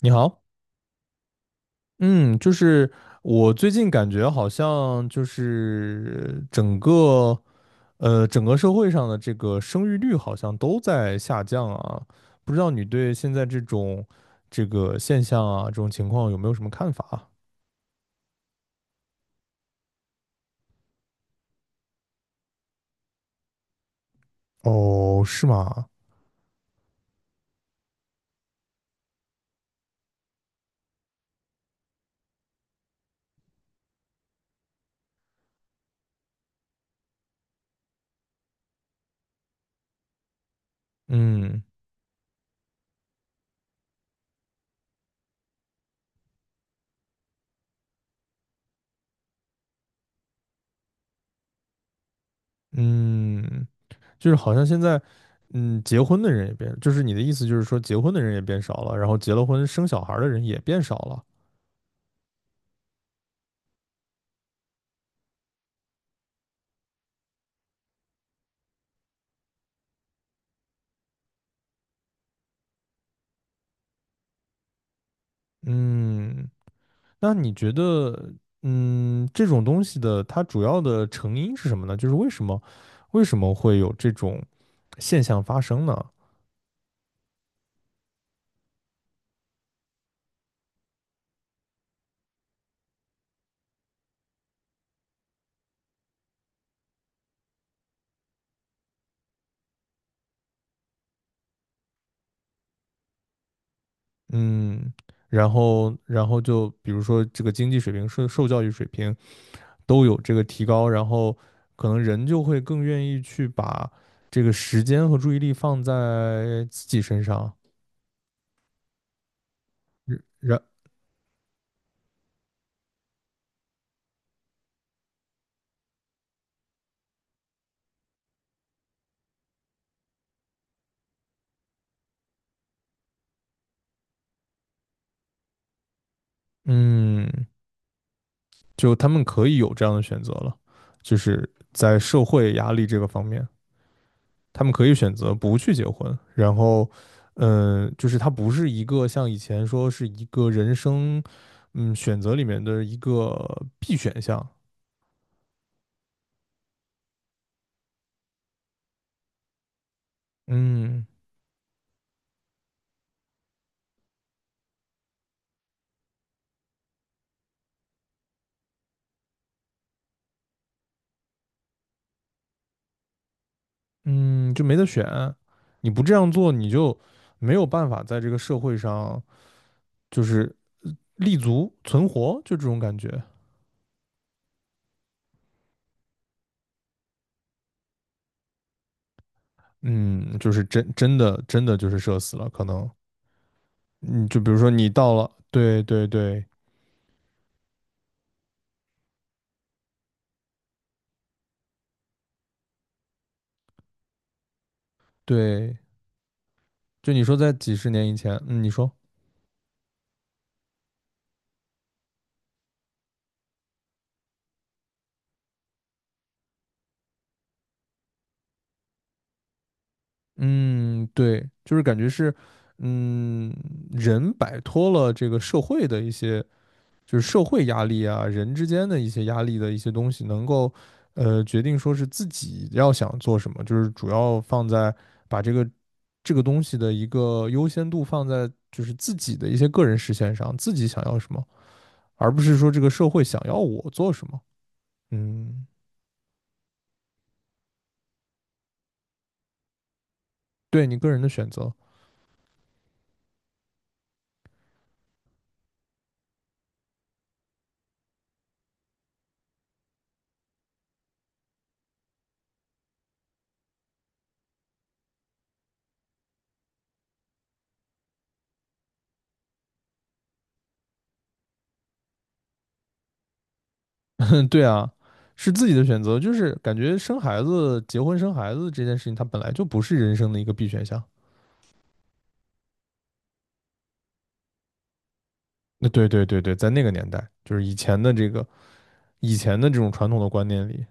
你好，嗯，就是我最近感觉好像就是整个社会上的这个生育率好像都在下降啊，不知道你对现在这个现象啊这种情况有没有什么看法啊？哦，是吗？嗯嗯，就是好像现在结婚的人也变，就是你的意思就是说结婚的人也变少了，然后结了婚生小孩儿的人也变少了，嗯。那你觉得，嗯，这种东西的它主要的成因是什么呢？就是为什么会有这种现象发生呢？嗯，然后就比如说这个经济水平、受教育水平都有这个提高，然后可能人就会更愿意去把这个时间和注意力放在自己身上，然嗯，就他们可以有这样的选择了，就是在社会压力这个方面。他们可以选择不去结婚，然后，嗯，就是它不是一个像以前说是一个人生，嗯，选择里面的一个必选项，嗯嗯，就没得选，你不这样做，你就没有办法在这个社会上就是立足存活，就这种感觉，嗯，就是真的就是社死了，可能，嗯，就比如说你到了，对对对对，就你说在几十年以前，嗯，你说。嗯，对，就是感觉是，嗯，人摆脱了这个社会的一些，就是社会压力啊，人之间的一些压力的一些东西，能够，决定说是自己要想做什么，就是主要放在把这个东西的一个优先度放在就是自己的一些个人实现上，自己想要什么，而不是说这个社会想要我做什么。嗯，对你个人的选择。对啊，是自己的选择，就是感觉生孩子、结婚生孩子这件事情，它本来就不是人生的一个必选项。那对对对对，在那个年代，就是以前的这种传统的观念里，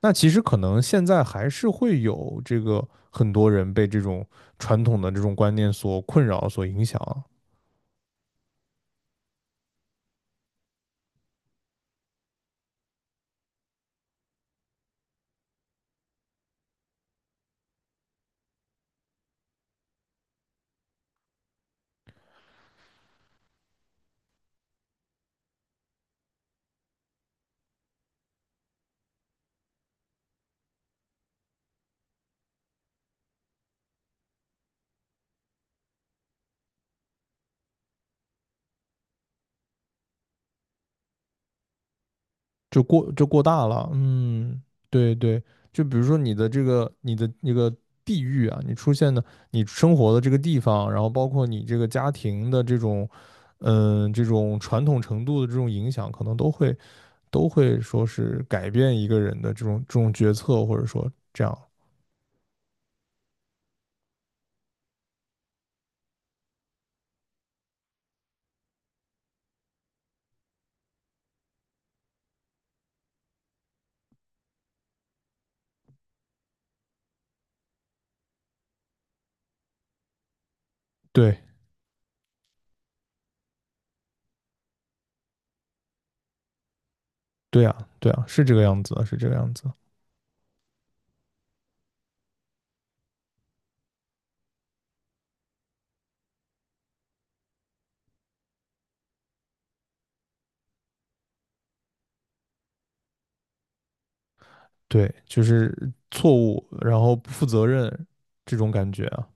那其实可能现在还是会有这个很多人被这种传统的这种观念所困扰、所影响，就过大了，嗯，对对，就比如说你的那个地域啊，你出现的你生活的这个地方，然后包括你这个家庭的这种，嗯，这种传统程度的这种影响，可能都会说是改变一个人的这种决策，或者说这样，对对啊对啊，是这个样子的，是这个样子的对，就是错误，然后不负责任这种感觉啊，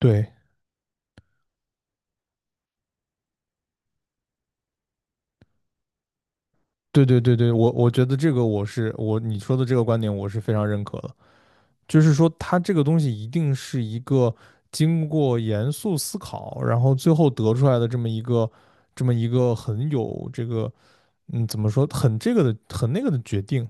对对对对对，我觉得这个我你说的这个观点我是非常认可的，就是说它这个东西一定是一个经过严肃思考，然后最后得出来的这么一个很有这个怎么说很这个的很那个的决定，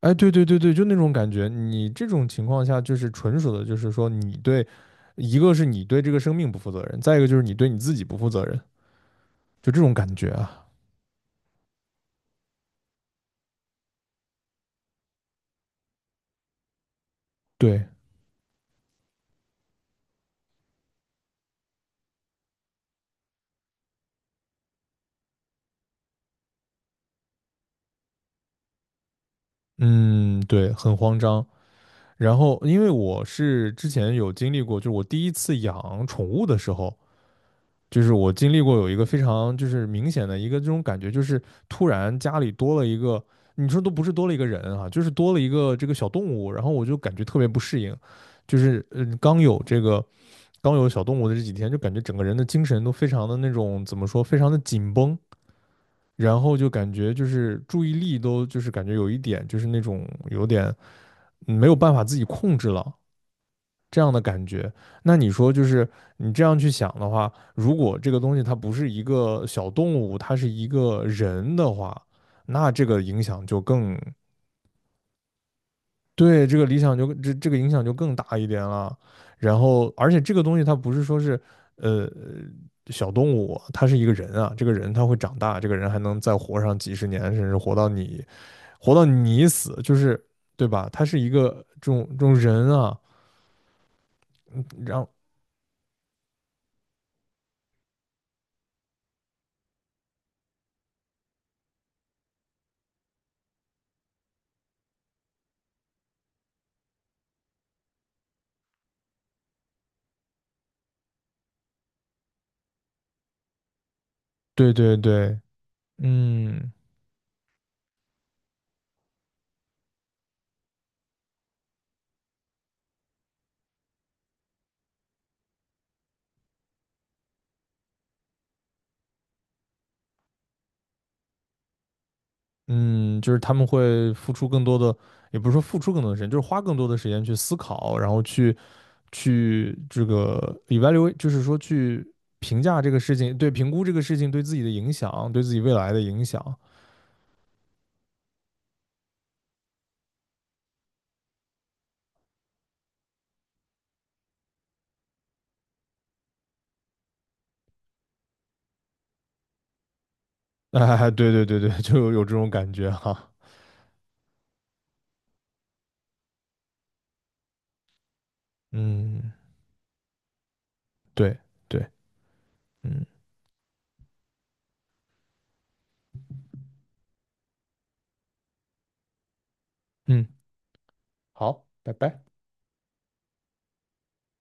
哎对对对对，就那种感觉，你这种情况下就是纯属的就是说你对一个是你对这个生命不负责任，再一个就是你对你自己不负责任，就这种感觉啊，对，嗯对，很慌张。然后，因为我是之前有经历过，就是我第一次养宠物的时候，就是我经历过有一个非常就是明显的一个这种感觉，就是突然家里多了一个，你说都不是多了一个人啊，就是多了一个这个小动物，然后我就感觉特别不适应，就是刚有小动物的这几天，就感觉整个人的精神都非常的那种怎么说，非常的紧绷，然后就感觉就是注意力都就是感觉有一点就是那种有点没有办法自己控制了。这样的感觉。那你说，就是你这样去想的话，如果这个东西它不是一个小动物，它是一个人的话，那这个影响就更对这个理想就这个影响就更大一点了。然后，而且这个东西它不是说是呃小动物，它是一个人啊，这个人他会长大，这个人还能再活上几十年，甚至活到你死，就是对吧？他是一个这种人啊，嗯然后对对对，嗯嗯，就是他们会付出更多的，也不是说付出更多的时间，就是花更多的时间去思考，然后去这个 evaluate,就是说去评价这个事情，对，评估这个事情对自己的影响，对自己未来的影响。哎，对对对对，就有这种感觉哈。嗯，对对，嗯嗯，好，拜拜。